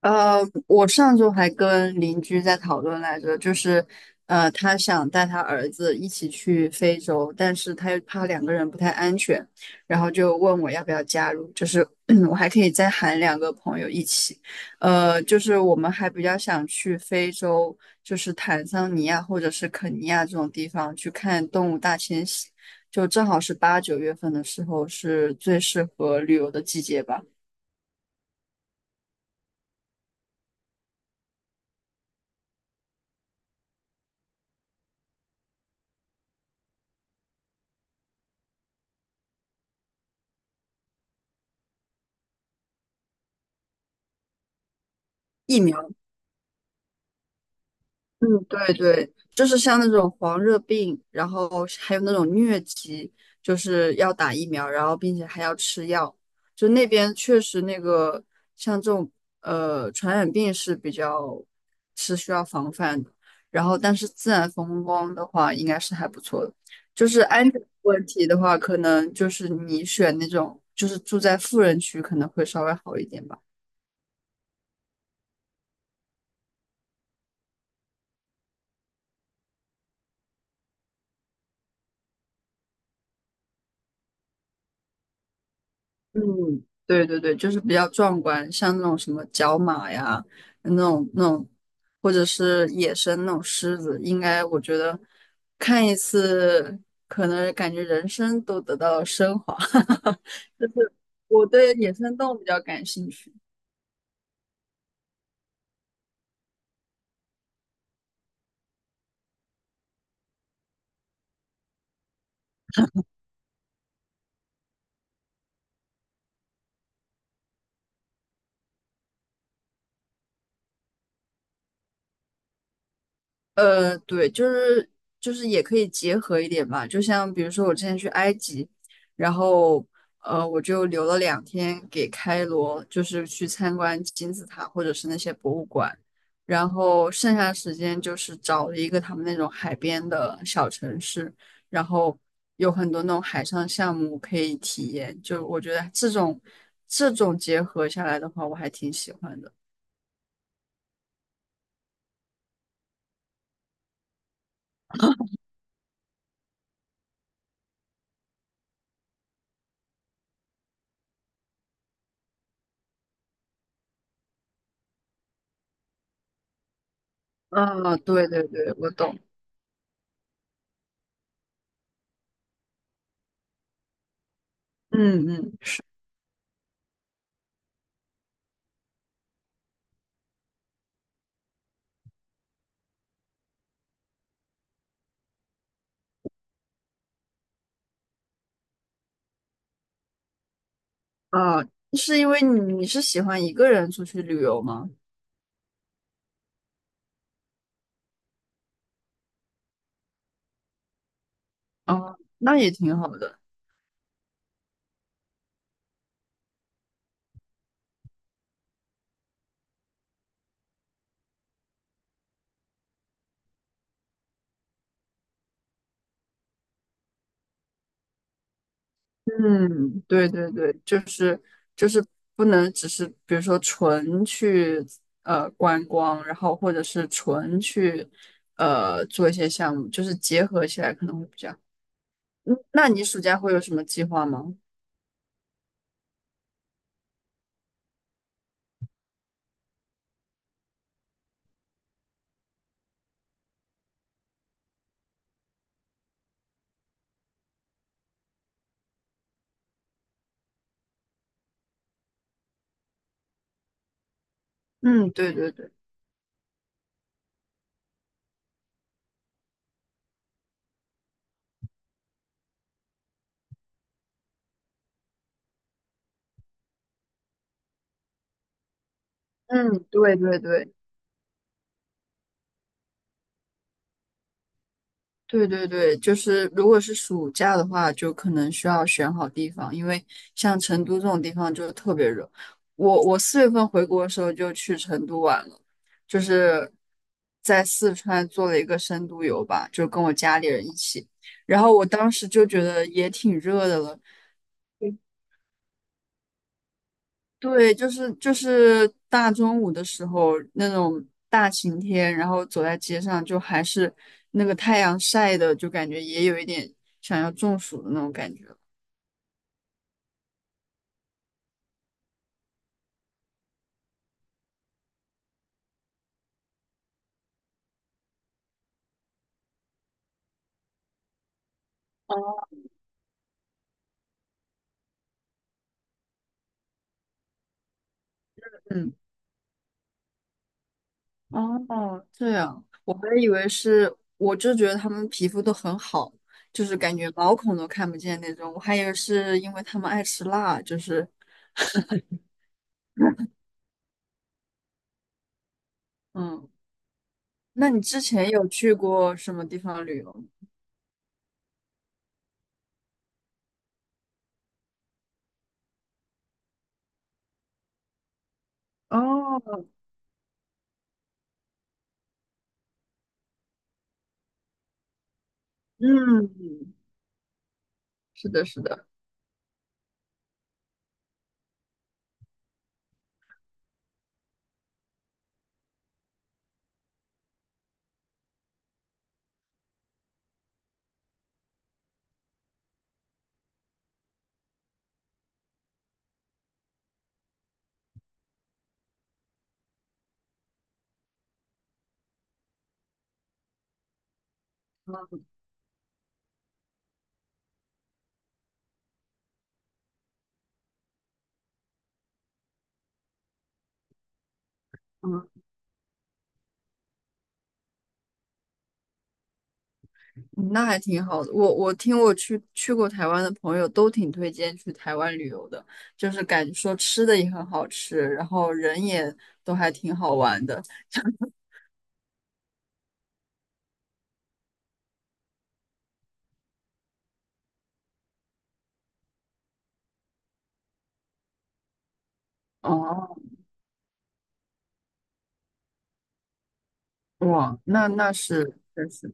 呃，我上周还跟邻居在讨论来着，就是他想带他儿子一起去非洲，但是他又怕两个人不太安全，然后就问我要不要加入，就是 我还可以再喊两个朋友一起，就是我们还比较想去非洲，就是坦桑尼亚或者是肯尼亚这种地方去看动物大迁徙，就正好是八九月份的时候，是最适合旅游的季节吧。疫苗。嗯，对对，就是像那种黄热病，然后还有那种疟疾，就是要打疫苗，然后并且还要吃药。就那边确实那个像这种传染病是比较是需要防范的。然后，但是自然风光的话，应该是还不错的。就是安全问题的话，可能就是你选那种就是住在富人区可能会稍微好一点吧。嗯，对对对，就是比较壮观，像那种什么角马呀，那种,或者是野生那种狮子，应该我觉得看一次，可能感觉人生都得到了升华。就是我对野生动物比较感兴趣。对，就是也可以结合一点吧，就像比如说我之前去埃及，然后我就留了2天给开罗，就是去参观金字塔或者是那些博物馆，然后剩下的时间就是找了一个他们那种海边的小城市，然后有很多那种海上项目可以体验，就我觉得这种结合下来的话，我还挺喜欢的。啊，对对对，我懂，嗯嗯。啊，是因为你是喜欢一个人出去旅游吗？啊，那也挺好的。嗯，对对对，就是就是不能只是比如说纯去观光，然后或者是纯去做一些项目，就是结合起来可能会比较好。嗯，那你暑假会有什么计划吗？嗯，对对对，嗯，对对对。对对对，就是如果是暑假的话，就可能需要选好地方，因为像成都这种地方就特别热。我4月份回国的时候就去成都玩了，就是在四川做了一个深度游吧，就跟我家里人一起。然后我当时就觉得也挺热的了，对，就是大中午的时候那种大晴天，然后走在街上，就还是那个太阳晒的，就感觉也有一点想要中暑的那种感觉。哦嗯，哦，这样，我还以为是，我就觉得他们皮肤都很好，就是感觉毛孔都看不见那种，我还以为是因为他们爱吃辣，就是，嗯，那你之前有去过什么地方旅游吗？哦，嗯，是的，是的。嗯。嗯那还挺好的。我听我去过台湾的朋友都挺推荐去台湾旅游的，就是感觉说吃的也很好吃，然后人也都还挺好玩的。哦，哇，那是确实，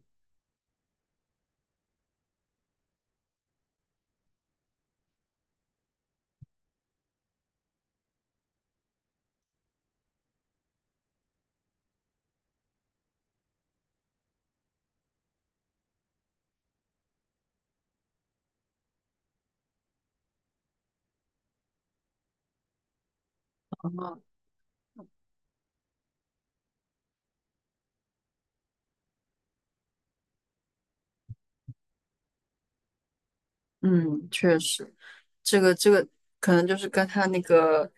哦，嗯，确实。这个可能就是跟它那个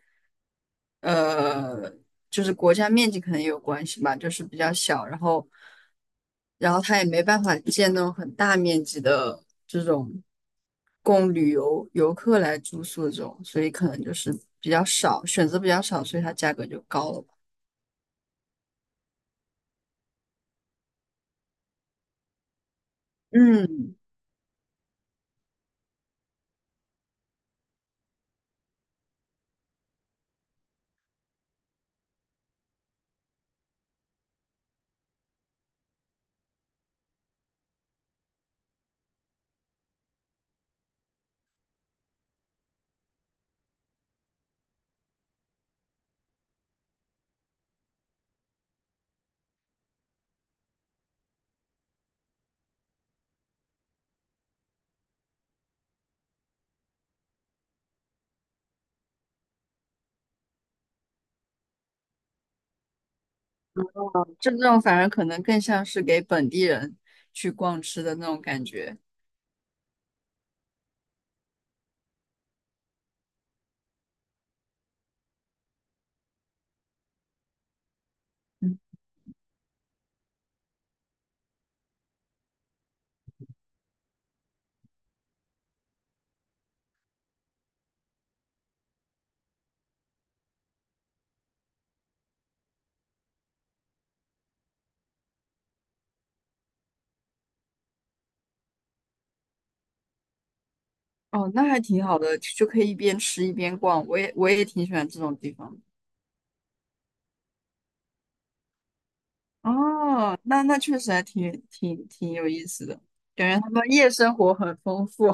呃，就是国家面积可能也有关系吧，就是比较小，然后它也没办法建那种很大面积的这种供旅游游客来住宿这种，所以可能就是比较少，选择比较少，所以它价格就高了吧。嗯，这种反而可能更像是给本地人去逛吃的那种感觉。哦，那还挺好的，就可以一边吃一边逛。我也挺喜欢这种地方的。哦，那确实还挺有意思的，感觉他们夜生活很丰富。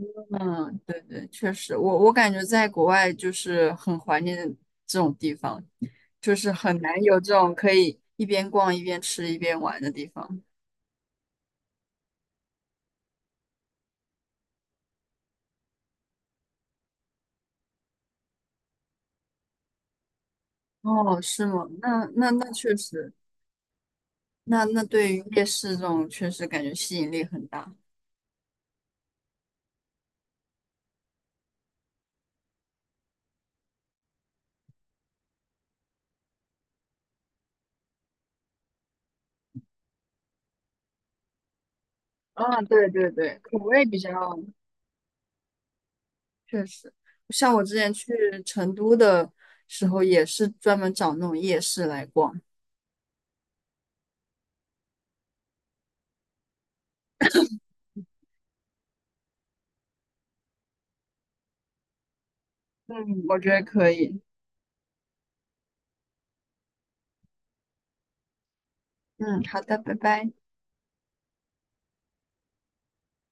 嗯，对对，确实，我感觉在国外就是很怀念这种地方，就是很难有这种可以一边逛一边吃一边玩的地方。哦，是吗？那确实，那对于夜市这种确实感觉吸引力很大。啊，对对对，口味比较。确实，像我之前去成都的时候，也是专门找那种夜市来逛。嗯，我觉得可以。嗯，好的，拜拜。